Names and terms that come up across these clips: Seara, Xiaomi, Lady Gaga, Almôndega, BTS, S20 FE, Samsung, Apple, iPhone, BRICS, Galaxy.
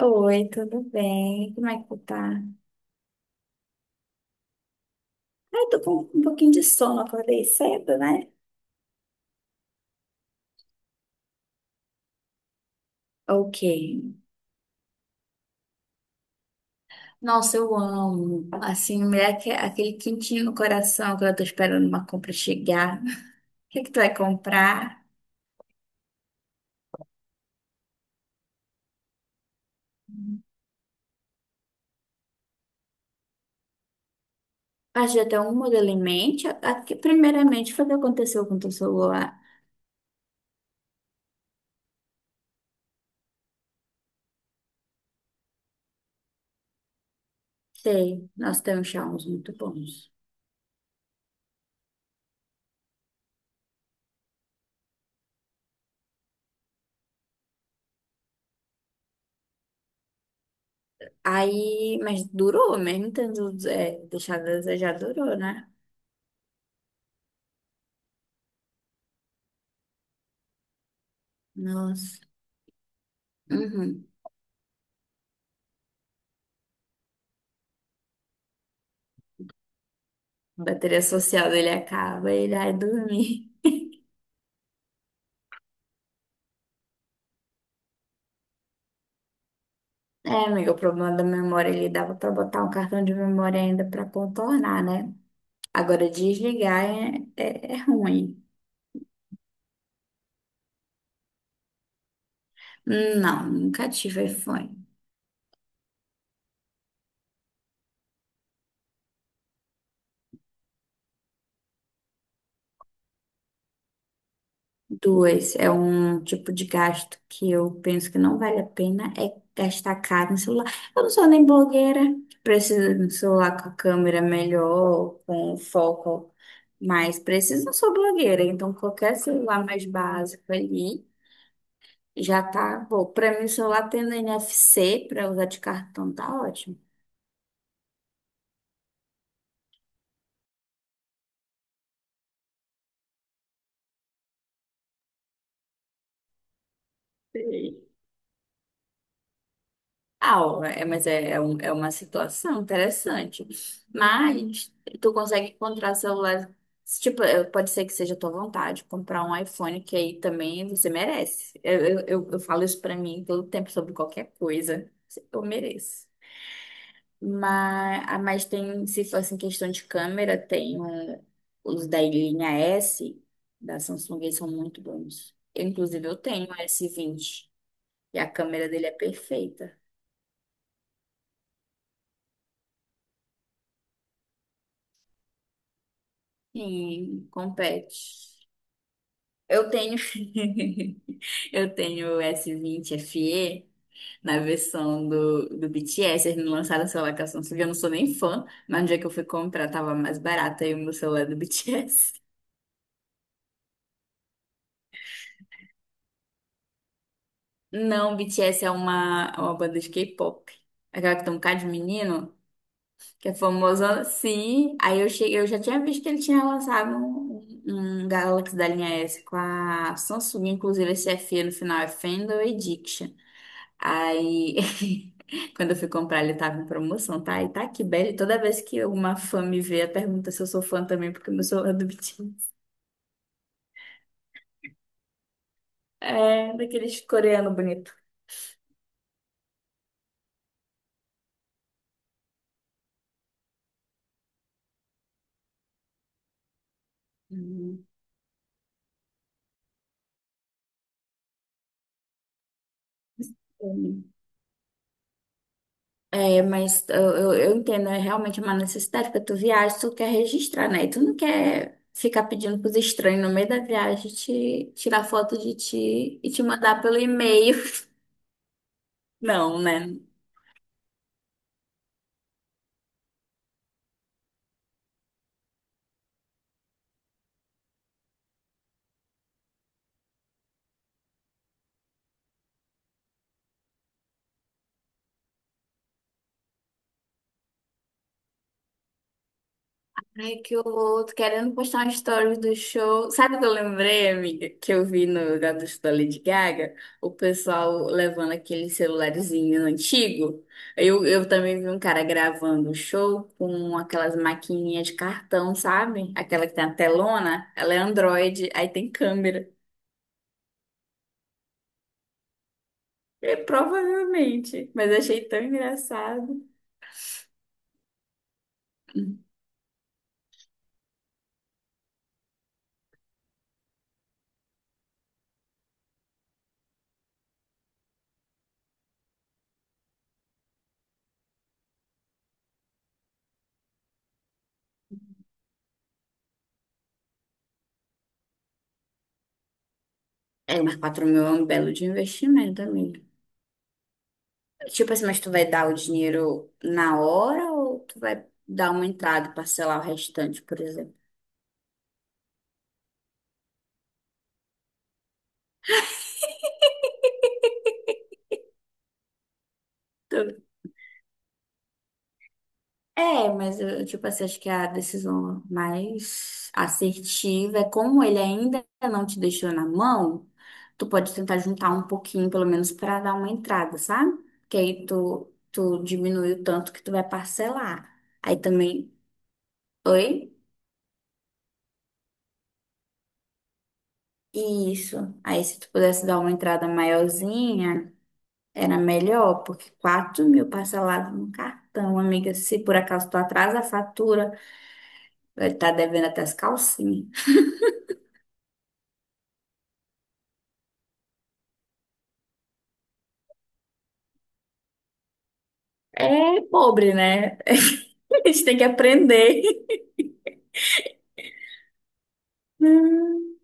Oi, tudo bem? Como é que tu tá? Ai, tô com um pouquinho de sono, acordei cedo, né? Ok. Nossa, eu amo. Assim, me dá aquele quentinho no coração quando eu tô esperando uma compra chegar. O que é que tu vai comprar? Ah, já tem um modelo em mente? Aqui, primeiramente, foi o que aconteceu com o teu celular. Sei, nós temos Xiaomi muito bons. Aí, mas durou, mesmo tendo deixado a desejar, durou, né? Nossa. Uhum. Bateria social ele acaba, ele vai dormir. É, amiga, o problema da memória, ele dava pra botar um cartão de memória ainda pra contornar, né? Agora, desligar é ruim. Não, nunca tive iPhone. Duas, é um tipo de gasto que eu penso que não vale a pena, é gastar caro no celular. Eu não sou nem blogueira, preciso de um celular com a câmera melhor, com um foco mais preciso, não sou blogueira, então qualquer celular mais básico ali. Já tá bom. Pra mim, o celular tendo NFC pra usar de cartão tá ótimo. Sim. Ah, ó, é, mas é uma situação interessante. Mas tu consegue encontrar celular. Tipo, pode ser que seja a tua vontade comprar um iPhone, que aí também você merece. Eu falo isso pra mim todo tempo sobre qualquer coisa. Eu mereço. Mas tem, se fosse em questão de câmera, tem os da linha S da Samsung, eles são muito bons. Eu, inclusive, eu tenho o S20 e a câmera dele é perfeita. Sim, compete. Eu tenho, eu tenho o S20 FE na versão do, BTS. Eles não lançaram o celular com a Samsung, eu não sou nem fã, mas no dia que eu fui comprar tava mais barato aí o meu celular do BTS. Não, BTS é uma, banda de K-pop. Aquela que tem um bocado de menino, que é famoso. Sim, aí eu cheguei, eu já tinha visto que ele tinha lançado um Galaxy da linha S com a Samsung, inclusive esse F no final é Fandom Addiction. Aí, quando eu fui comprar, ele tava em promoção, tá? E tá aqui, belo. Toda vez que alguma fã me vê, ela pergunta se eu sou fã também, porque eu sou fã do BTS. É, daqueles coreanos bonitos. Uhum. É, mas eu entendo, é realmente uma necessidade, porque tu viaja, tu quer registrar, né? E tu não quer ficar pedindo pros estranhos no meio da viagem te tirar foto de ti e te mandar pelo e-mail. Não, né? Ai, que horror. Tô querendo postar uma story do show. Sabe o que eu lembrei, amiga? Que eu vi no Gato da Lady Gaga? O pessoal levando aquele celularzinho antigo. Eu também vi um cara gravando o show com aquelas maquininhas de cartão, sabe? Aquela que tem a telona. Ela é Android, aí tem câmera. É, provavelmente. Mas eu achei tão engraçado. É, mas 4.000 é um belo de investimento, amiga. Tipo assim, mas tu vai dar o dinheiro na hora ou tu vai dar uma entrada e parcelar o restante, por exemplo? Tu- É, mas eu, tipo assim, acho que a decisão mais assertiva é como ele ainda não te deixou na mão, tu pode tentar juntar um pouquinho, pelo menos, para dar uma entrada, sabe? Que aí tu diminui o tanto que tu vai parcelar. Aí também. Oi? Isso. Aí se tu pudesse dar uma entrada maiorzinha. Era melhor, porque 4.000 parcelado no cartão, amiga. Se por acaso tu atrasa a fatura, vai estar devendo até as calcinhas. É pobre, né? A gente tem que aprender. Hum,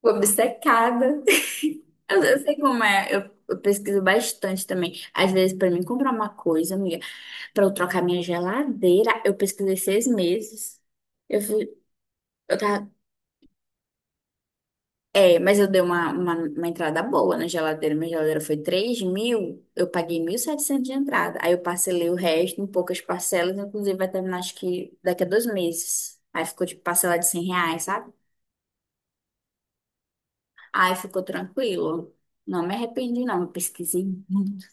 Fui obcecada. Eu sei como é. Eu pesquiso bastante também. Às vezes, pra mim comprar uma coisa, amiga, pra eu trocar minha geladeira, eu pesquisei 6 meses. Eu fui, eu tava É, mas eu dei uma, uma entrada boa na geladeira. Minha geladeira foi 3.000, eu paguei 1.700 de entrada. Aí eu parcelei o resto em poucas parcelas, inclusive vai terminar acho que daqui a 2 meses. Aí ficou tipo parcela de R$ 100, sabe? Aí ficou tranquilo. Não me arrependi, não. Eu pesquisei muito.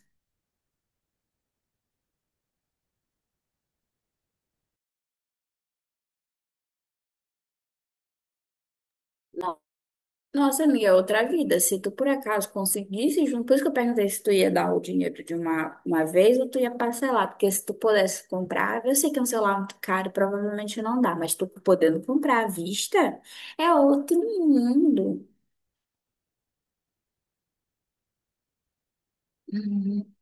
Nossa, amiga, é outra vida. Se tu por acaso conseguisse junto, por isso que eu perguntei se tu ia dar o dinheiro de uma, vez ou tu ia parcelar, porque se tu pudesse comprar, eu sei que é um celular muito caro, provavelmente não dá, mas tu podendo comprar à vista é outro mundo. Uhum.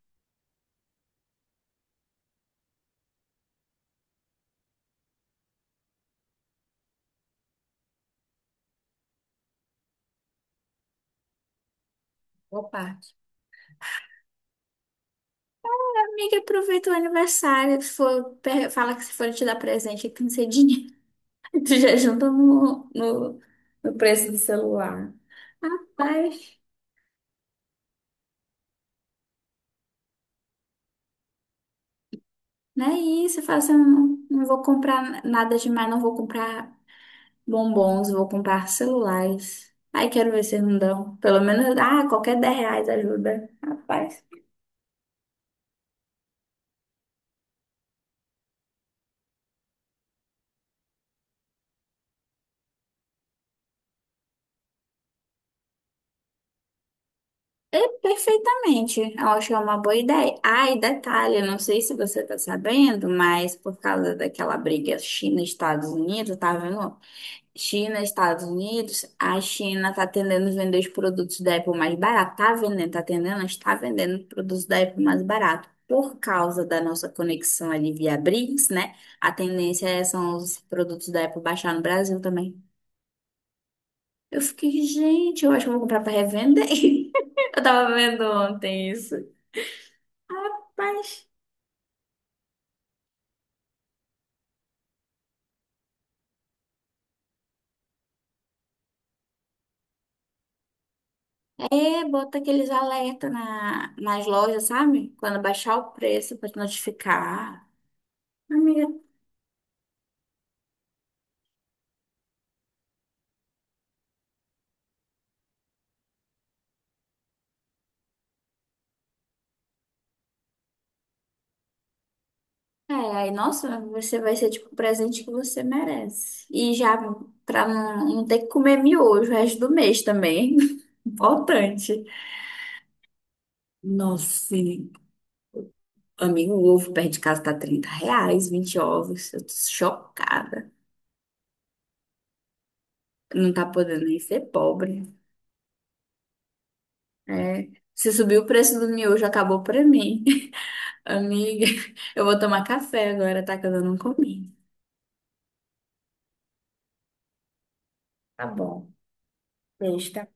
Boa parte. Amiga, aproveita o aniversário, se for, fala que se for te dar presente, tem que ser dinheiro. Tu já junta no, no preço do celular. Rapaz. Né? E você fala assim, eu não, não vou comprar nada demais, não vou comprar bombons, vou comprar celulares. Aí quero ver se não dão. Pelo menos, qualquer R$ 10 ajuda. Rapaz. É perfeitamente. Eu acho que é uma boa ideia. Ah, e detalhe, eu não sei se você tá sabendo, mas por causa daquela briga China-Estados Unidos, tá vendo? China, Estados Unidos, a China tá tendendo a vender os produtos da Apple mais barato. Tá vendendo, tá tendendo, está vendendo os produtos da Apple mais barato. Por causa da nossa conexão ali via BRICS, né? A tendência é são os produtos da Apple baixar no Brasil também. Eu fiquei, gente, eu acho que eu vou comprar para revender. Eu tava vendo ontem isso. Rapaz, é, bota aqueles alerta nas lojas, sabe? Quando baixar o preço para te notificar. Amiga. É, aí, nossa, você vai ser tipo o presente que você merece. E já pra não, não ter que comer miojo o resto do mês também. Importante. Nossa, e, amigo, o ovo perto de casa tá R$ 30, 20 ovos. Eu tô chocada. Não tá podendo nem ser pobre. É. Se subir o preço do miojo, acabou pra mim. Amiga, eu vou tomar café agora, tá? Que eu não comi. Tá bom. Beijo, tá?